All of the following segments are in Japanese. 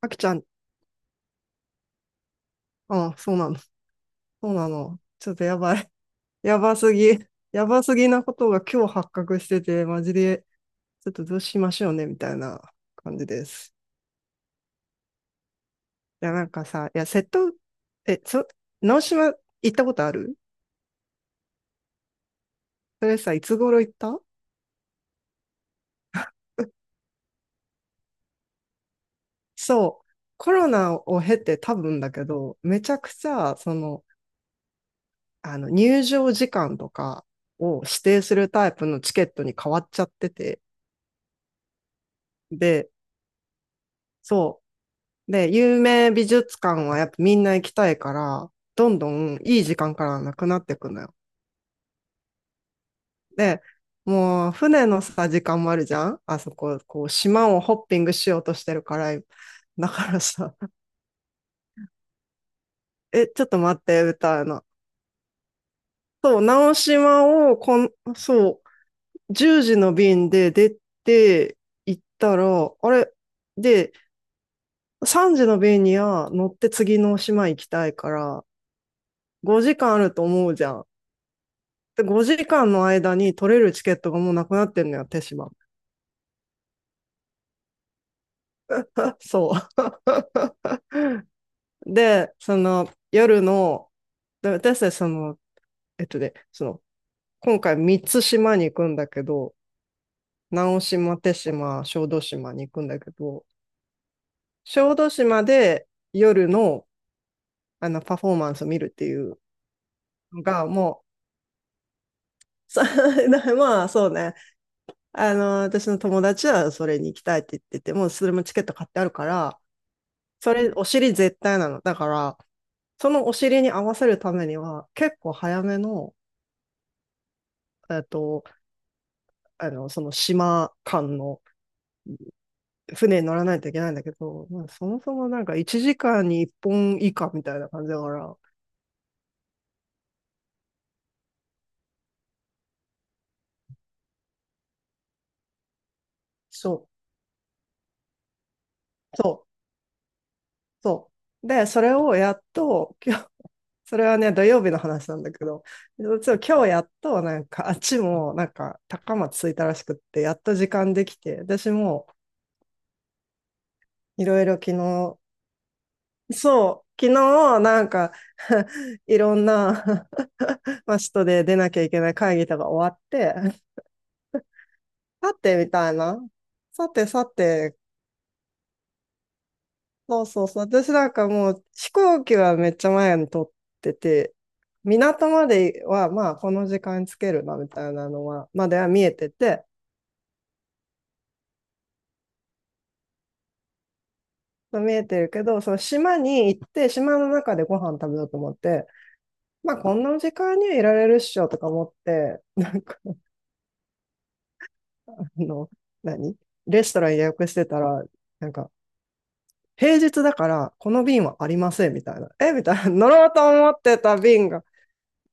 あきちゃん、あ、そうなの。そうなの。ちょっとやばい。やばすぎ。やばすぎなことが今日発覚してて、マジで、ちょっとどうしましょうね、みたいな感じです。いや、なんかさ、いや、瀬戸、え、そ、直島行ったことある？それさ、いつ頃行った？そう。コロナを経て多分だけど、めちゃくちゃ、入場時間とかを指定するタイプのチケットに変わっちゃってて、で、そう。で、有名美術館はやっぱみんな行きたいから、どんどんいい時間からなくなってくのよ。で、もう船のさ、時間もあるじゃんあそこ、こう島をホッピングしようとしてるから、だからさ、え、ちょっと待って、みたいな。そう、直島をこん、そう、10時の便で出て行ったら、あれで、3時の便には乗って次の島行きたいから、5時間あると思うじゃん。で、5時間の間に取れるチケットがもうなくなってんのよ、手島。そう。で、その、夜の、私たちえっとね、その、今回三つ島に行くんだけど、直島、手島、小豆島に行くんだけど、小豆島で夜の、あの、パフォーマンスを見るっていうのが、もう、さまあ、そうね。あの、私の友達はそれに行きたいって言ってて、もうそれもチケット買ってあるから、それ、お尻絶対なの。だから、そのお尻に合わせるためには、結構早めの、えっと、その島間の船に乗らないといけないんだけど、まあそもそもなんか1時間に1本以下みたいな感じだから、そう、そう、そう。で、それをやっと、今日、それはね、土曜日の話なんだけど、実は今日やっと、なんか、あっちも、なんか、高松着いたらしくって、やっと時間できて、私も、いろいろ昨日、そう、昨日、なんか、いろんなまあ、人で出なきゃいけない会議とか終わって、さて、みたいな。さて、そうそうそう。私なんかもう飛行機はめっちゃ前に撮ってて、港まではまあこの時間につけるな、みたいなのは、までは見えてて、見えてるけど、その島に行って、島の中でご飯食べようと思って、まあこんな時間にはいられるっしょとか思って、なんか、あの、何レストラン予約してたら、なんか、平日だから、この便はありません、みたいな。えみたいな。乗ろうと思ってた便が、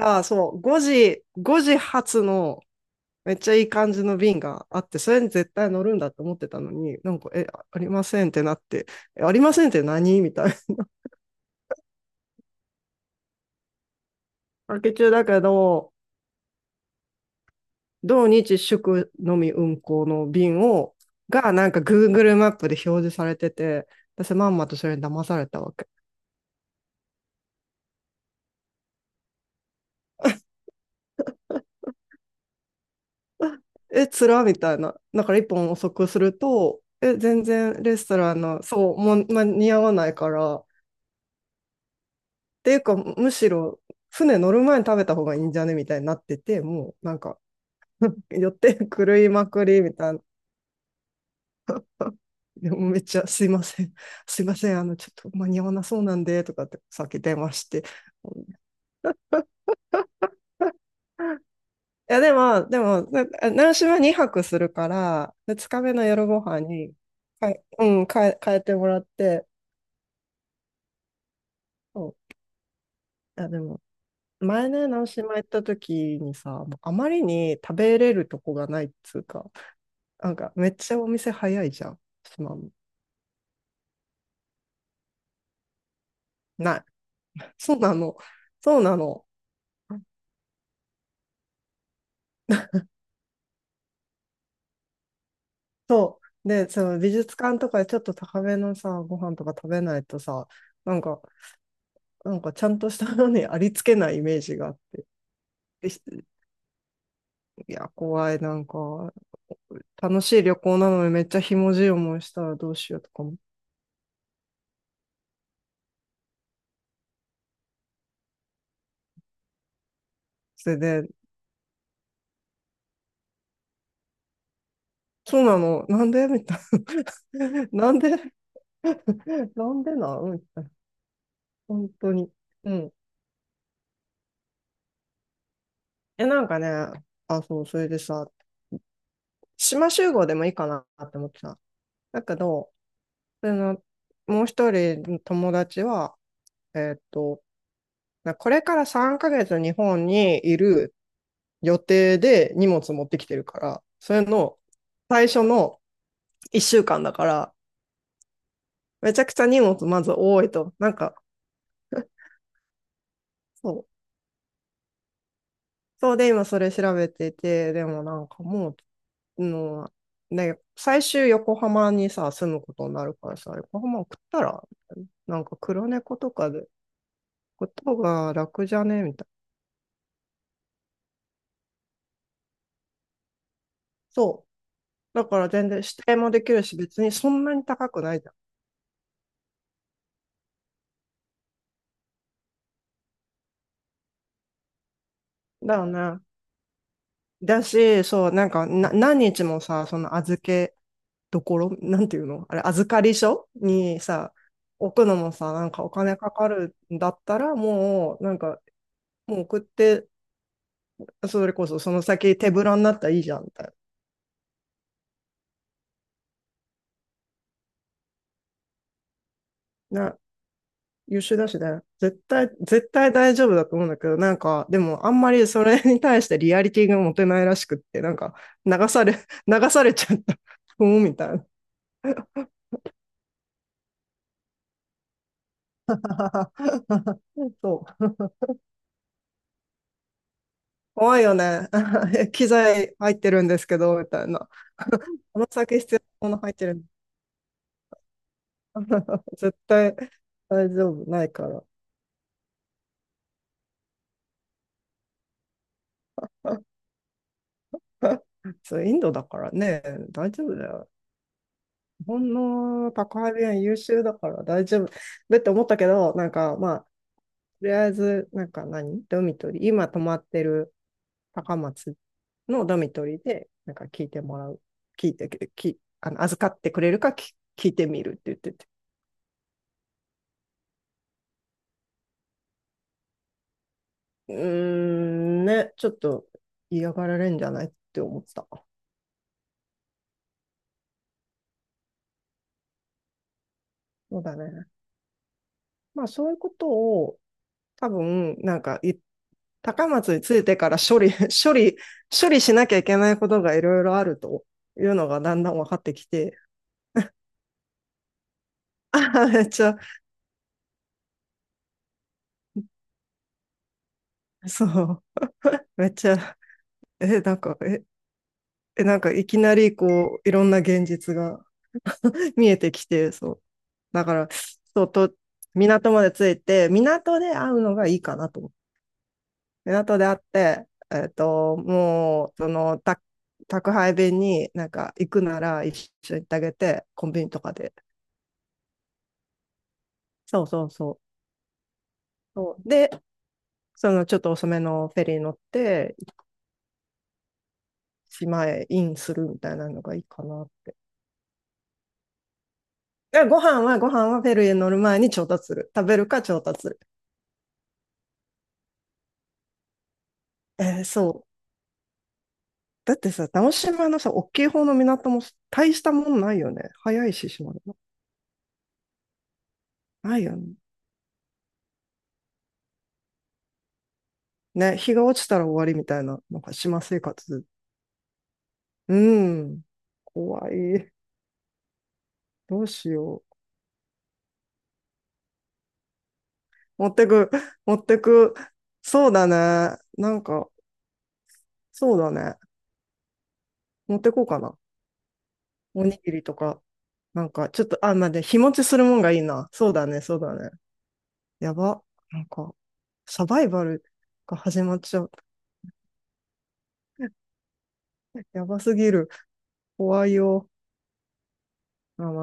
あそう、5時発の、めっちゃいい感じの便があって、それに絶対乗るんだと思ってたのに、なんか、え、ありませんってなって、え、ありませんって何みたいな。明け中だけど、同日祝のみ運行の便を、が、なんか Google マップで表示されてて、私まんまとそれに騙されたわけ。え、つらみたいな。だから一本遅くすると、え、全然レストランの、そう、もう、ま、似合わないから。っていうか、むしろ、船乗る前に食べた方がいいんじゃねみたいになってて、もうなんか、寄って狂いまくりみたいな。でもめっちゃすいません、すいません、あの、ちょっと間に合わなそうなんで、とかってさっき電話して。うん、いや、でも、な習志は2泊するから、2日目の夜ご飯に、はい、うん、変えてもらって、そう。いや、でも、前ね、直島行った時にさ、もうあまりに食べれるとこがないっつうか、なんかめっちゃお店早いじゃん、島も。ない。そうなの。そうなの。そう。で、その美術館とかでちょっと高めのさ、ご飯とか食べないとさ、なんか、なんかちゃんとしたのにありつけないイメージがあって。でしいや、怖い。なんか、楽しい旅行なのにめっちゃひもじい思いしたらどうしようとかも。それで、そうなの。なんでみたいな。なんで なんでな、うん、本当に。うん。え、なんかね、あ、そう、それでさ、島集合でもいいかなって思ってさ。だけど、その、もう一人の友達は、えーっと、なこれから3ヶ月日本にいる予定で荷物持ってきてるから、それの最初の1週間だから、めちゃくちゃ荷物まず多いと、なんか、そうそうで、今それ調べてて、でもなんかもう、の、ね、最終横浜にさ、住むことになるからさ、横浜送ったら、なんか黒猫とかで、ことが楽じゃねみたいな。そう。だから全然指定もできるし、別にそんなに高くないじゃん。だよね。だし、そう、なんかな、何日もさ、その預けどころ、なんていうのあれ、預かり所にさ、置くのもさ、なんかお金かかるんだったら、もう、なんか、もう送ってそれこそその先手ぶらになったらいいじゃんみたいな。優秀だしね。絶対大丈夫だと思うんだけど、なんか、でもあんまりそれに対してリアリティが持てないらしくって、なんか、流され、流されちゃった。うん、みたいな。そう。怖いよね。機材入ってるんですけど、みたいな。この先必要なもの入ってる。絶対大丈夫ないから。そう、インドだからね、大丈夫だよ。日本の宅配便は優秀だから大丈夫だって思ったけど、なんかまあ、とりあえず、なんか何ドミトリー、今泊まってる高松のドミトリーで、なんか聞いてもらう、聞いて、き、あの、預かってくれるか聞いてみるって言ってて。うーん、ね、ちょっと嫌がられるんじゃないって思ってた。そうだね。まあ、そういうことを多分、なんか言っ高松に着いてから処理、処理しなきゃいけないことがいろいろあるというのがだんだん分かってきて、あ、めっちゃ、そう、めっちゃ、え、なんか、え、えなんかいきなりこう、いろんな現実が 見えてきて、そう。だから、そうと、港まで着いて、港で会うのがいいかなと。港で会って、えっと、もう、その、た宅配便になんか行くなら一緒に行ってあげて、コンビニとかで。そうそうそう。そうで、そのちょっと遅めのフェリー乗って、島へインするみたいなのがいいかなって。でご飯はフェリーへ乗る前に調達する。食べるか調達する。えーそう。だってさ、直島のさ、大きい方の港も大したもんないよね。早いし、島でも。ないよね。ね、日が落ちたら終わりみたいな、なんか島生活。うん。怖い。どうしよう。持ってく、持ってく。そうだね。なんか、そうだね。持ってこうかな。おにぎりとか、なんか、ちょっと、あ、まあ、で、日持ちするもんがいいな。そうだね。やば。なんか、サバイバルが始まっちゃう。やばすぎる。怖いよ。まあまあ